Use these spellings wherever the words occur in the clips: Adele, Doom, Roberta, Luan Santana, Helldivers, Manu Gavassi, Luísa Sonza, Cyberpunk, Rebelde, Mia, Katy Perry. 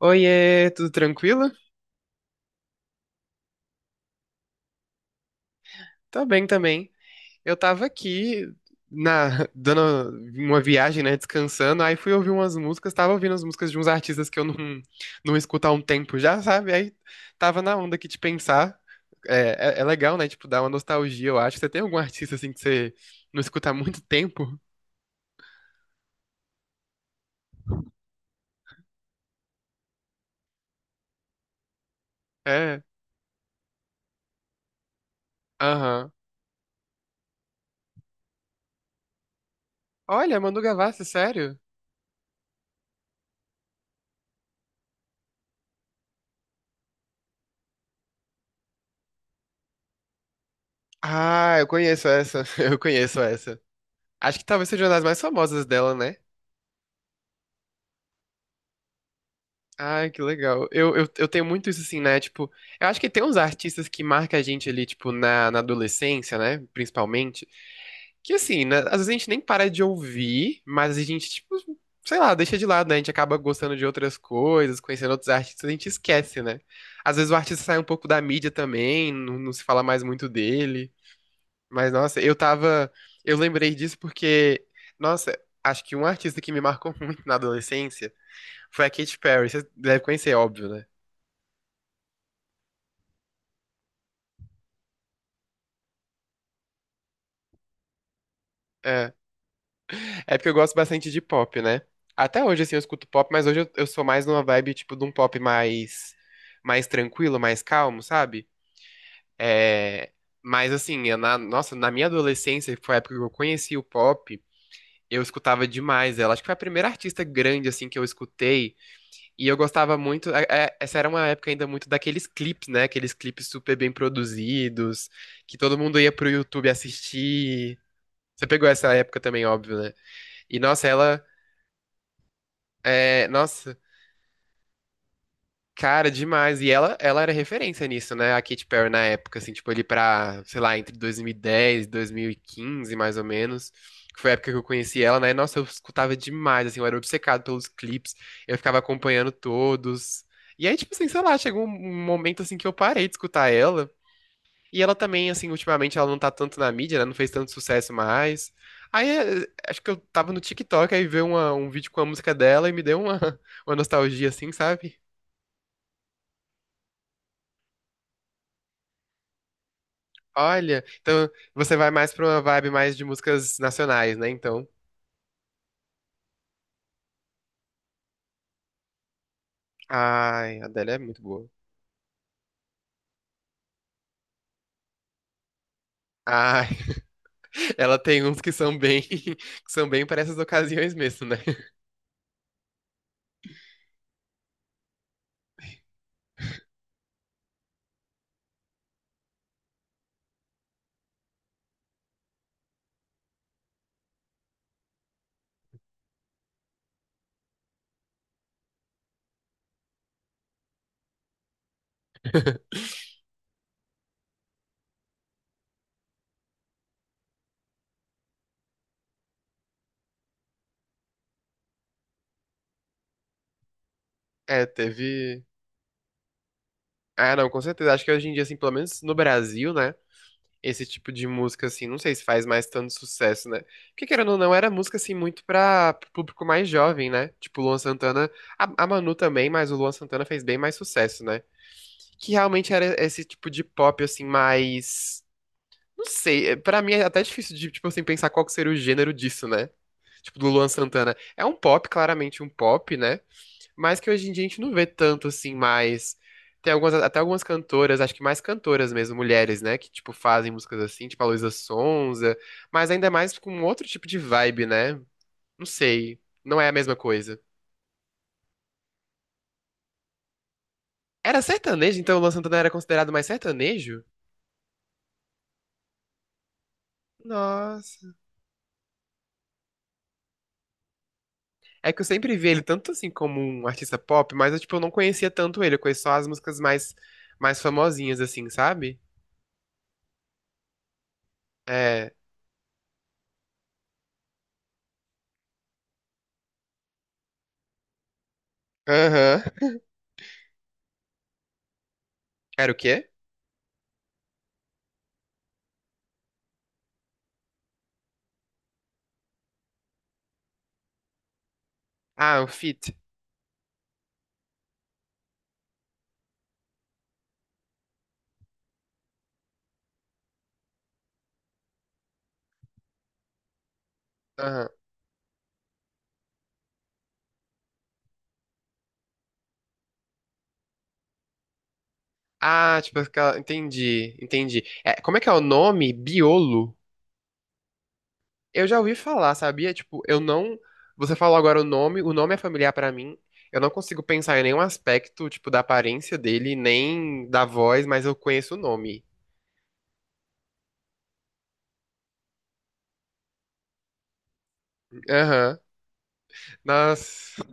Oiê, tudo tranquilo? Tá bem também. Eu tava aqui na dando uma viagem, né, descansando, aí fui ouvir umas músicas, tava ouvindo as músicas de uns artistas que eu não não escuto há um tempo já, sabe? Aí tava na onda aqui de pensar. É legal, né, tipo, dar uma nostalgia, eu acho. Você tem algum artista assim que você não escuta há muito tempo? É. Aham. Olha, Manu Gavassi, sério? Ah, eu conheço essa. Eu conheço essa. Acho que talvez seja uma das mais famosas dela, né? Ai, que legal. Eu tenho muito isso assim, né? Tipo, eu acho que tem uns artistas que marcam a gente ali, tipo, na adolescência, né? Principalmente. Que assim, né? Às vezes a gente nem para de ouvir, mas a gente, tipo, sei lá, deixa de lado, né? A gente acaba gostando de outras coisas, conhecendo outros artistas, a gente esquece, né? Às vezes o artista sai um pouco da mídia também, não, não se fala mais muito dele. Mas, nossa, eu tava. Eu lembrei disso porque, nossa, acho que um artista que me marcou muito na adolescência. Foi a Katy Perry, você deve conhecer, é óbvio, né? É. É porque eu gosto bastante de pop, né? Até hoje, assim, eu escuto pop, mas hoje eu sou mais numa vibe, tipo, de um pop mais, mais tranquilo, mais calmo, sabe? É... Mas, assim, é na, nossa, na minha adolescência, que foi a época que eu conheci o pop, eu escutava demais ela. Acho que foi a primeira artista grande, assim, que eu escutei. E eu gostava muito. Essa era uma época ainda muito daqueles clipes, né? Aqueles clipes super bem produzidos, que todo mundo ia pro YouTube assistir. Você pegou essa época também, óbvio, né? E nossa, ela é, nossa, cara, demais. E ela era referência nisso, né? A Katy Perry na época, assim, tipo, ali pra, sei lá, entre 2010 e 2015, mais ou menos. Que foi a época que eu conheci ela, né? Nossa, eu escutava demais, assim, eu era obcecado pelos clipes, eu ficava acompanhando todos. E aí, tipo assim, sei lá, chegou um momento assim que eu parei de escutar ela. E ela também, assim, ultimamente ela não tá tanto na mídia, né? Não fez tanto sucesso mais. Aí, acho que eu tava no TikTok, aí veio um vídeo com a música dela e me deu uma, uma nostalgia, assim, sabe? Olha, então você vai mais pra uma vibe mais de músicas nacionais, né? Então, ai, a Adele é muito boa. Ai, ela tem uns que são bem, que são bem para essas ocasiões mesmo, né? É, teve. Ah, não, com certeza. Acho que hoje em dia, assim, pelo menos no Brasil, né? Esse tipo de música, assim, não sei se faz mais tanto sucesso, né? Porque, querendo ou não, era música, assim, muito pra pro público mais jovem, né? Tipo, o Luan Santana, a Manu também, mas o Luan Santana fez bem mais sucesso, né? Que realmente era esse tipo de pop, assim, mais... Não sei, é, pra mim é até difícil de, tipo assim, pensar qual que seria o gênero disso, né? Tipo, do Luan Santana. É um pop, claramente um pop, né? Mas que hoje em dia a gente não vê tanto assim mais. Tem algumas, até algumas cantoras, acho que mais cantoras mesmo, mulheres, né? Que, tipo, fazem músicas assim, tipo a Luísa Sonza, mas ainda mais com outro tipo de vibe, né? Não sei. Não é a mesma coisa. Era sertanejo, então o Luan Santana era considerado mais sertanejo? Nossa. É que eu sempre vi ele tanto assim como um artista pop, mas eu, tipo, eu não conhecia tanto ele. Eu conheço só as músicas mais, mais famosinhas, assim, sabe? É. Aham. Era o quê? Ah, o Fit. Ah, tipo, entendi, entendi. É, como é que é o nome? Biolo? Eu já ouvi falar, sabia? Tipo, eu não. Você falou agora o nome é familiar pra mim. Eu não consigo pensar em nenhum aspecto, tipo, da aparência dele, nem da voz, mas eu conheço o nome. Aham. Nossa.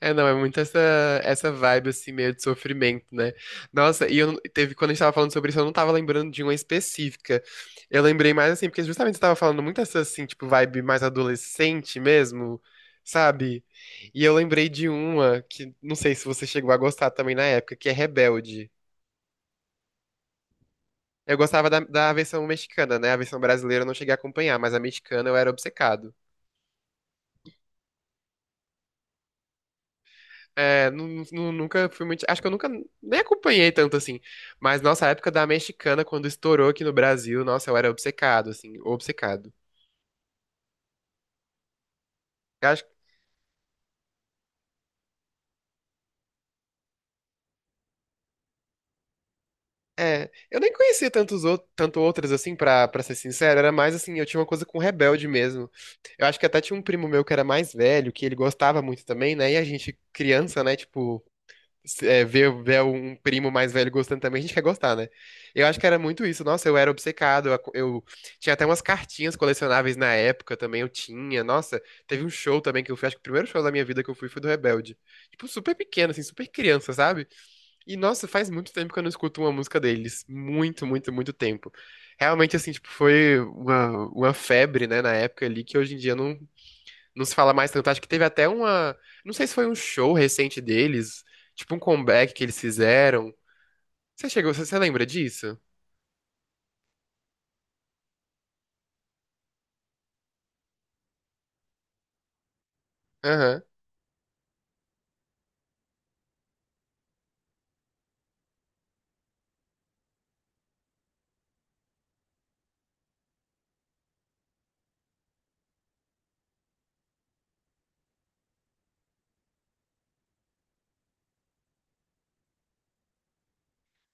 É, não, é muito essa vibe, assim, meio de sofrimento, né? Nossa, e eu, teve, quando a gente tava falando sobre isso, eu não tava lembrando de uma específica. Eu lembrei mais, assim, porque justamente você tava falando muito essa, assim, tipo, vibe mais adolescente mesmo, sabe? E eu lembrei de uma que, não sei se você chegou a gostar também na época, que é Rebelde. Eu gostava da versão mexicana, né? A versão brasileira eu não cheguei a acompanhar, mas a mexicana eu era obcecado. É, nunca fui muito. Acho que eu nunca nem acompanhei tanto assim. Mas nossa, a época da mexicana, quando estourou aqui no Brasil, nossa, eu era obcecado, assim, obcecado. Eu acho, é, eu nem conhecia tantos outros, tanto outras assim, pra, pra ser sincero. Era mais assim, eu tinha uma coisa com Rebelde mesmo. Eu acho que até tinha um primo meu que era mais velho, que ele gostava muito também, né? E a gente, criança, né? Tipo, ver um primo mais velho gostando também, a gente quer gostar, né? Eu acho que era muito isso. Nossa, eu era obcecado. Eu tinha até umas cartinhas colecionáveis na época também, eu tinha. Nossa, teve um show também que eu fui, acho que o primeiro show da minha vida que eu fui foi do Rebelde. Tipo, super pequeno, assim, super criança, sabe? E nossa, faz muito tempo que eu não escuto uma música deles. Muito, muito, muito tempo. Realmente, assim, tipo, foi uma febre, né, na época ali, que hoje em dia não, não se fala mais tanto. Acho que teve até uma. Não sei se foi um show recente deles, tipo um comeback que eles fizeram. Você chegou, você lembra disso? Aham.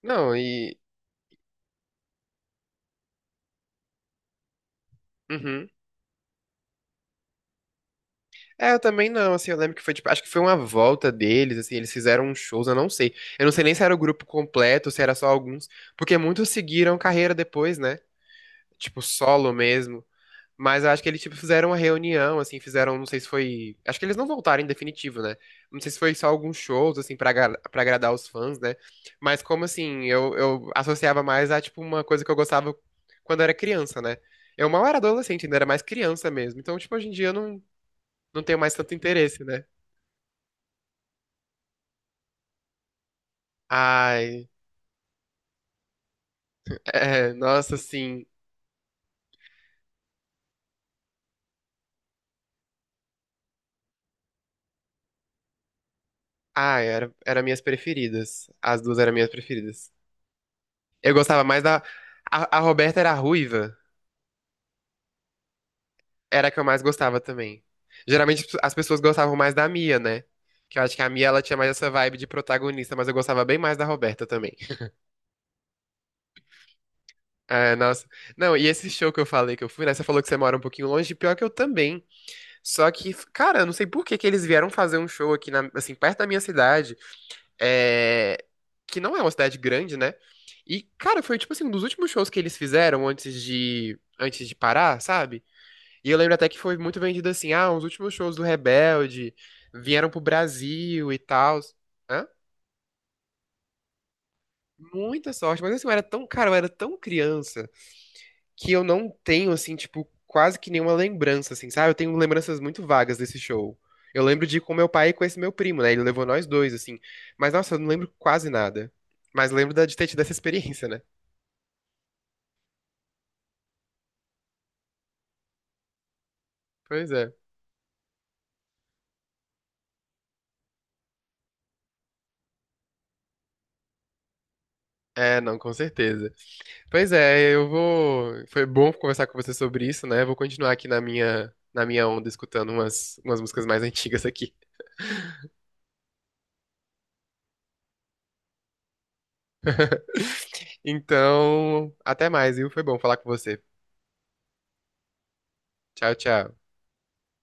Não, e. Uhum. É, eu também não, assim, eu lembro que foi, tipo, acho que foi uma volta deles, assim, eles fizeram uns shows, eu não sei. Eu não sei nem se era o grupo completo, se era só alguns, porque muitos seguiram carreira depois, né? Tipo, solo mesmo. Mas eu acho que eles, tipo, fizeram uma reunião, assim, fizeram, não sei se foi. Acho que eles não voltaram em definitivo, né? Não sei se foi só alguns shows, assim, pra, pra agradar os fãs, né? Mas como assim, eu associava mais a, tipo, uma coisa que eu gostava quando eu era criança, né? Eu mal era adolescente, ainda era mais criança mesmo. Então, tipo, hoje em dia eu não, não tenho mais tanto interesse, né? Ai, é, nossa, assim. Ai, era, era minhas preferidas. As duas eram minhas preferidas. Eu gostava mais da. A Roberta era ruiva. Era a que eu mais gostava também. Geralmente as pessoas gostavam mais da Mia, né? Que eu acho que a Mia ela tinha mais essa vibe de protagonista, mas eu gostava bem mais da Roberta também. Ah, nossa. Não, e esse show que eu falei que eu fui, né? Você falou que você mora um pouquinho longe, pior que eu também. Só que, cara, eu não sei por que que eles vieram fazer um show aqui, assim, perto da minha cidade, é, que não é uma cidade grande, né? E, cara, foi tipo assim, um dos últimos shows que eles fizeram antes de parar, sabe? E eu lembro até que foi muito vendido assim, ah, os últimos shows do Rebelde vieram pro Brasil e tal. Hã? Muita sorte, mas assim, eu era tão, cara, eu era tão criança que eu não tenho, assim, tipo, quase que nenhuma lembrança, assim, sabe? Eu tenho lembranças muito vagas desse show. Eu lembro de ir com meu pai e com esse meu primo, né? Ele levou nós dois, assim. Mas, nossa, eu não lembro quase nada. Mas lembro de ter tido essa experiência, né? Pois é. É, não, com certeza. Pois é, eu vou. Foi bom conversar com você sobre isso, né? Vou continuar aqui na minha onda, escutando umas, umas músicas mais antigas aqui. Então, até mais, viu? Foi bom falar com você. Tchau, tchau.